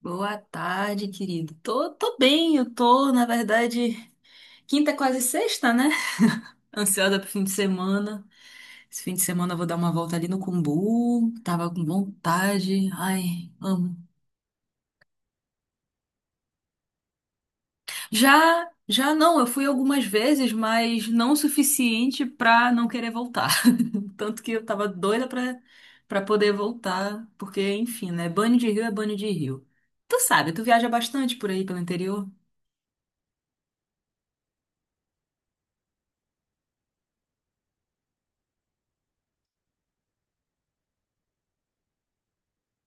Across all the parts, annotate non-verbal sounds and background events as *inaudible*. Boa tarde, querido. Tô bem, eu tô, na verdade, quinta é quase sexta, né? *laughs* Ansiosa pro fim de semana. Esse fim de semana eu vou dar uma volta ali no Cumbu. Tava com vontade. Ai, amo. Já, já não, eu fui algumas vezes, mas não o suficiente pra não querer voltar. *laughs* Tanto que eu tava doida pra poder voltar, porque, enfim, né? Banho de rio é banho de rio. Tu sabe, tu viaja bastante por aí pelo interior?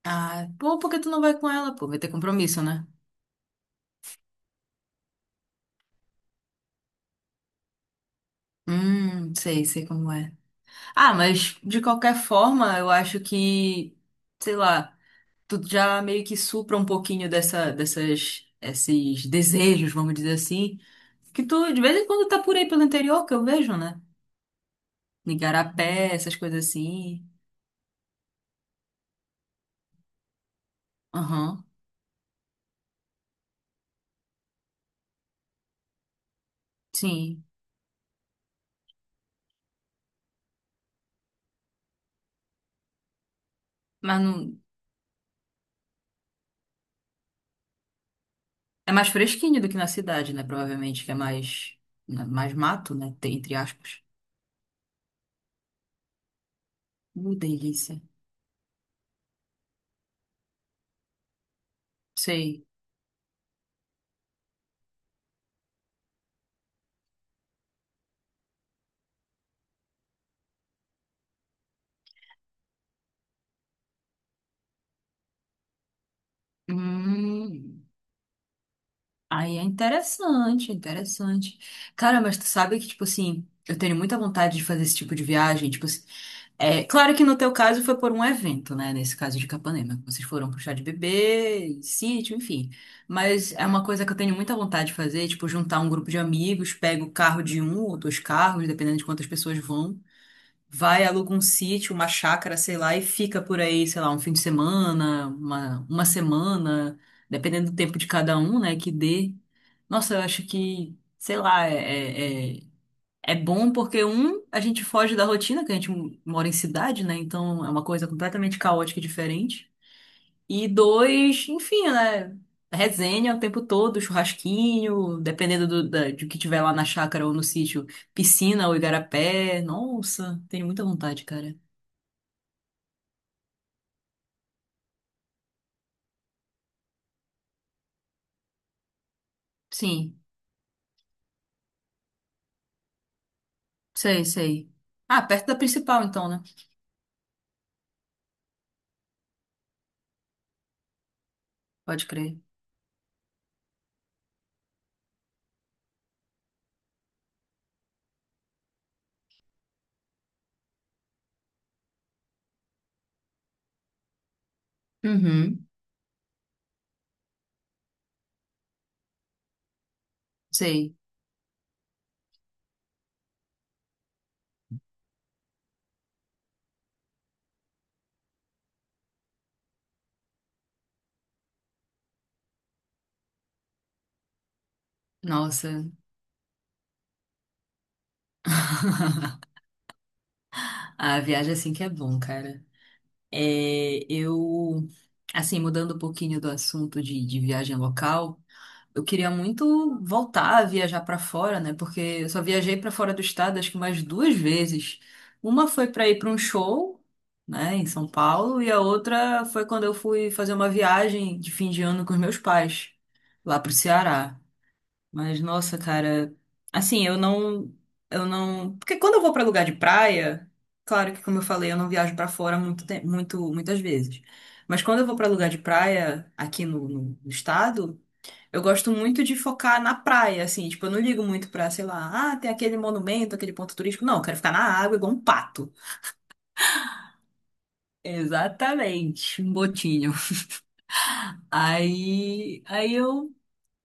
Ah, pô, por que tu não vai com ela? Pô, vai ter compromisso, né? Sei, sei como é. Ah, mas de qualquer forma, eu acho que, sei lá, tu já meio que supra um pouquinho dessa, dessas, esses desejos, vamos dizer assim, que tu de vez em quando tá por aí pelo interior, que eu vejo, né? Igarapé, essas coisas assim. Aham, sim. Mas não. É mais fresquinho do que na cidade, né? Provavelmente, que é mais, né, mais mato, né? Entre aspas. Delícia. Sei. Hum, Aí é interessante, é interessante. Cara, mas tu sabe que, tipo assim, eu tenho muita vontade de fazer esse tipo de viagem. Tipo assim, é claro que no teu caso foi por um evento, né? Nesse caso de Capanema. Vocês foram pro chá de bebê, sítio, enfim. Mas é uma coisa que eu tenho muita vontade de fazer, tipo, juntar um grupo de amigos, pego o carro de um ou dois carros, dependendo de quantas pessoas vão vai, aluga um sítio, uma chácara, sei lá, e fica por aí, sei lá, um fim de semana, uma semana, dependendo do tempo de cada um, né, que dê. Nossa, eu acho que, sei lá, é bom porque, um, a gente foge da rotina, que a gente mora em cidade, né, então é uma coisa completamente caótica e diferente. E dois, enfim, né, resenha o tempo todo, churrasquinho, dependendo do que tiver lá na chácara ou no sítio, piscina ou igarapé. Nossa, tenho muita vontade, cara. Sim, sei, sei. Ah, perto da principal, então, né? Pode crer. Uhum. Sei. Nossa. *laughs* A viagem é assim que é bom, cara. É, eu, assim, mudando um pouquinho do assunto de viagem local. Eu queria muito voltar a viajar para fora, né? Porque eu só viajei para fora do estado acho que mais duas vezes. Uma foi para ir para um show, né, em São Paulo, e a outra foi quando eu fui fazer uma viagem de fim de ano com os meus pais, lá pro Ceará. Mas nossa, cara, assim, eu não, porque quando eu vou para lugar de praia, claro que como eu falei, eu não viajo para fora muito, muito muitas vezes. Mas quando eu vou para lugar de praia aqui no estado, eu gosto muito de focar na praia, assim, tipo, eu não ligo muito pra, sei lá, ah, tem aquele monumento, aquele ponto turístico. Não, eu quero ficar na água igual um pato. Exatamente, um botinho. Aí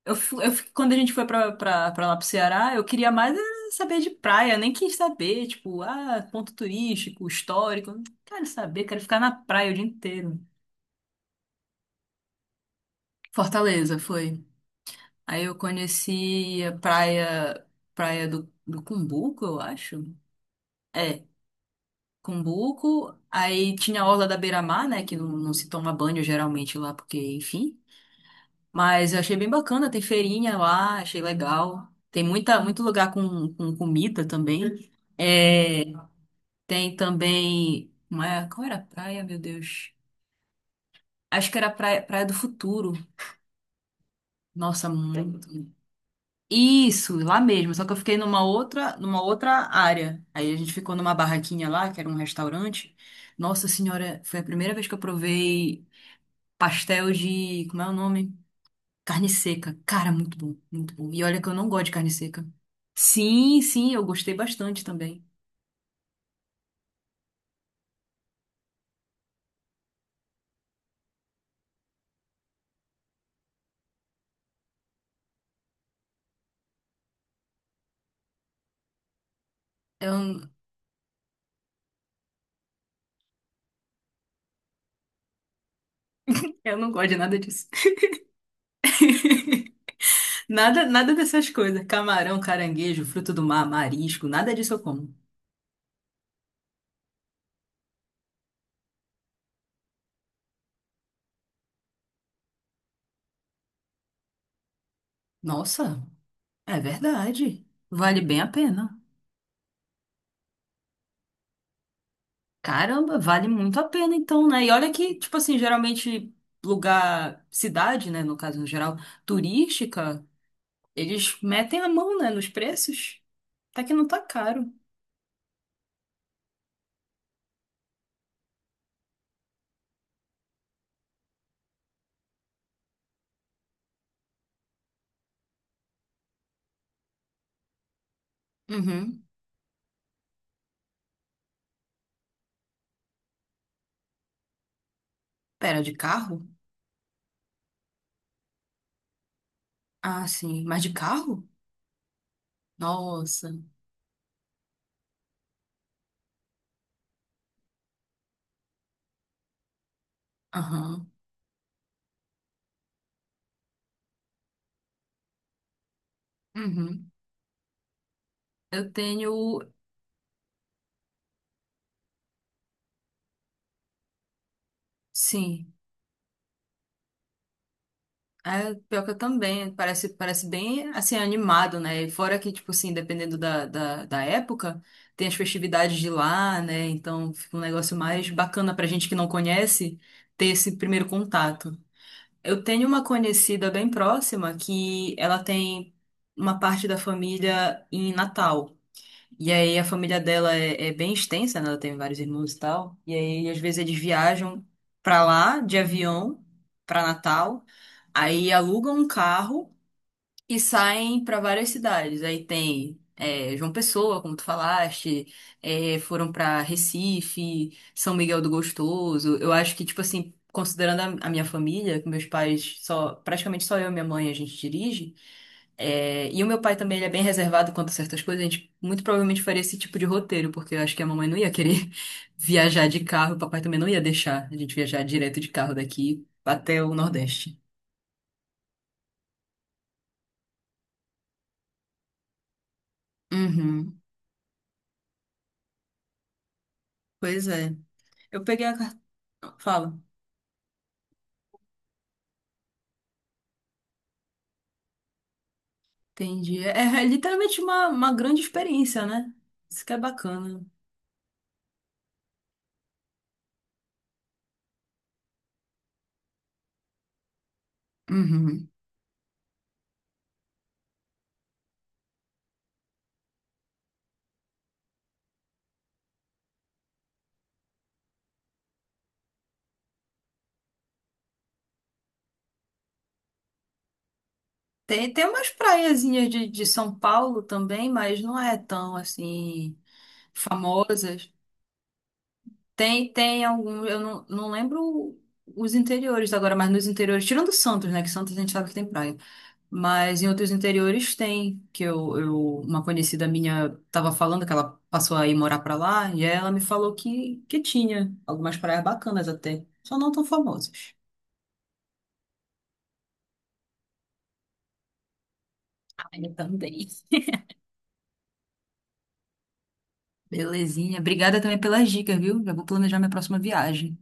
eu, fu- eu fi- quando a gente foi pra lá pro Ceará, eu queria mais saber de praia, nem quis saber, tipo, ah, ponto turístico, histórico. Não quero saber, quero ficar na praia o dia inteiro. Fortaleza foi. Aí eu conheci a praia, praia do Cumbuco, eu acho. É, Cumbuco, aí tinha a Orla da Beira-Mar, né, que não se toma banho geralmente lá, porque, enfim. Mas eu achei bem bacana, tem feirinha lá, achei legal. Tem muita, muito lugar com comida também. É, tem também, qual era a praia, meu Deus? Acho que era praia, Praia do Futuro. Nossa, muito. Isso, lá mesmo, só que eu fiquei numa outra área. Aí a gente ficou numa barraquinha lá, que era um restaurante. Nossa senhora, foi a primeira vez que eu provei pastel de, como é o nome? Carne seca. Cara, muito bom, muito bom. E olha que eu não gosto de carne seca. Sim, sim, eu gostei bastante também. Eu, eu não gosto de nada disso. *laughs* Nada, nada dessas coisas. Camarão, caranguejo, fruto do mar, marisco, nada disso eu como. Nossa, é verdade. Vale bem a pena. Caramba, vale muito a pena então, né? E olha que, tipo assim, geralmente lugar, cidade, né, no caso no geral, turística, eles metem a mão, né, nos preços. Até que não tá caro. Uhum. Pera, de carro? Ah, sim. Mas de carro? Nossa. Aham. Uhum. Eu tenho. Sim. É, pior que eu também. Parece bem, assim, animado, né? E fora que, tipo assim, dependendo da época, tem as festividades de lá, né? Então fica um negócio mais bacana pra gente que não conhece ter esse primeiro contato. Eu tenho uma conhecida bem próxima que ela tem uma parte da família em Natal. E aí a família dela é bem extensa, né? Ela tem vários irmãos e tal. E aí às vezes eles viajam pra lá de avião, pra Natal. Aí alugam um carro e saem pra várias cidades. Aí tem João Pessoa, como tu falaste, foram pra Recife, São Miguel do Gostoso. Eu acho que tipo assim, considerando a minha família, que meus pais só praticamente só eu e minha mãe a gente dirige. É, e o meu pai também, ele é bem reservado quanto a certas coisas. A gente muito provavelmente faria esse tipo de roteiro, porque eu acho que a mamãe não ia querer *laughs* viajar de carro, o papai também não ia deixar a gente viajar direto de carro daqui até o Nordeste. Uhum. Pois é. Eu peguei a carta. Fala. Entendi. É literalmente uma grande experiência, né? Isso que é bacana. Uhum. Tem umas praiazinhas de São Paulo também, mas não é tão assim famosas. Tem algum. Eu não lembro os interiores agora, mas nos interiores, tirando Santos, né? Que Santos a gente sabe que tem praia. Mas em outros interiores tem, que eu uma conhecida minha estava falando que ela passou a ir morar pra lá, e ela me falou que tinha algumas praias bacanas até, só não tão famosas. Ah, eu também. *laughs* Belezinha. Obrigada também pelas dicas, viu? Já vou planejar minha próxima viagem.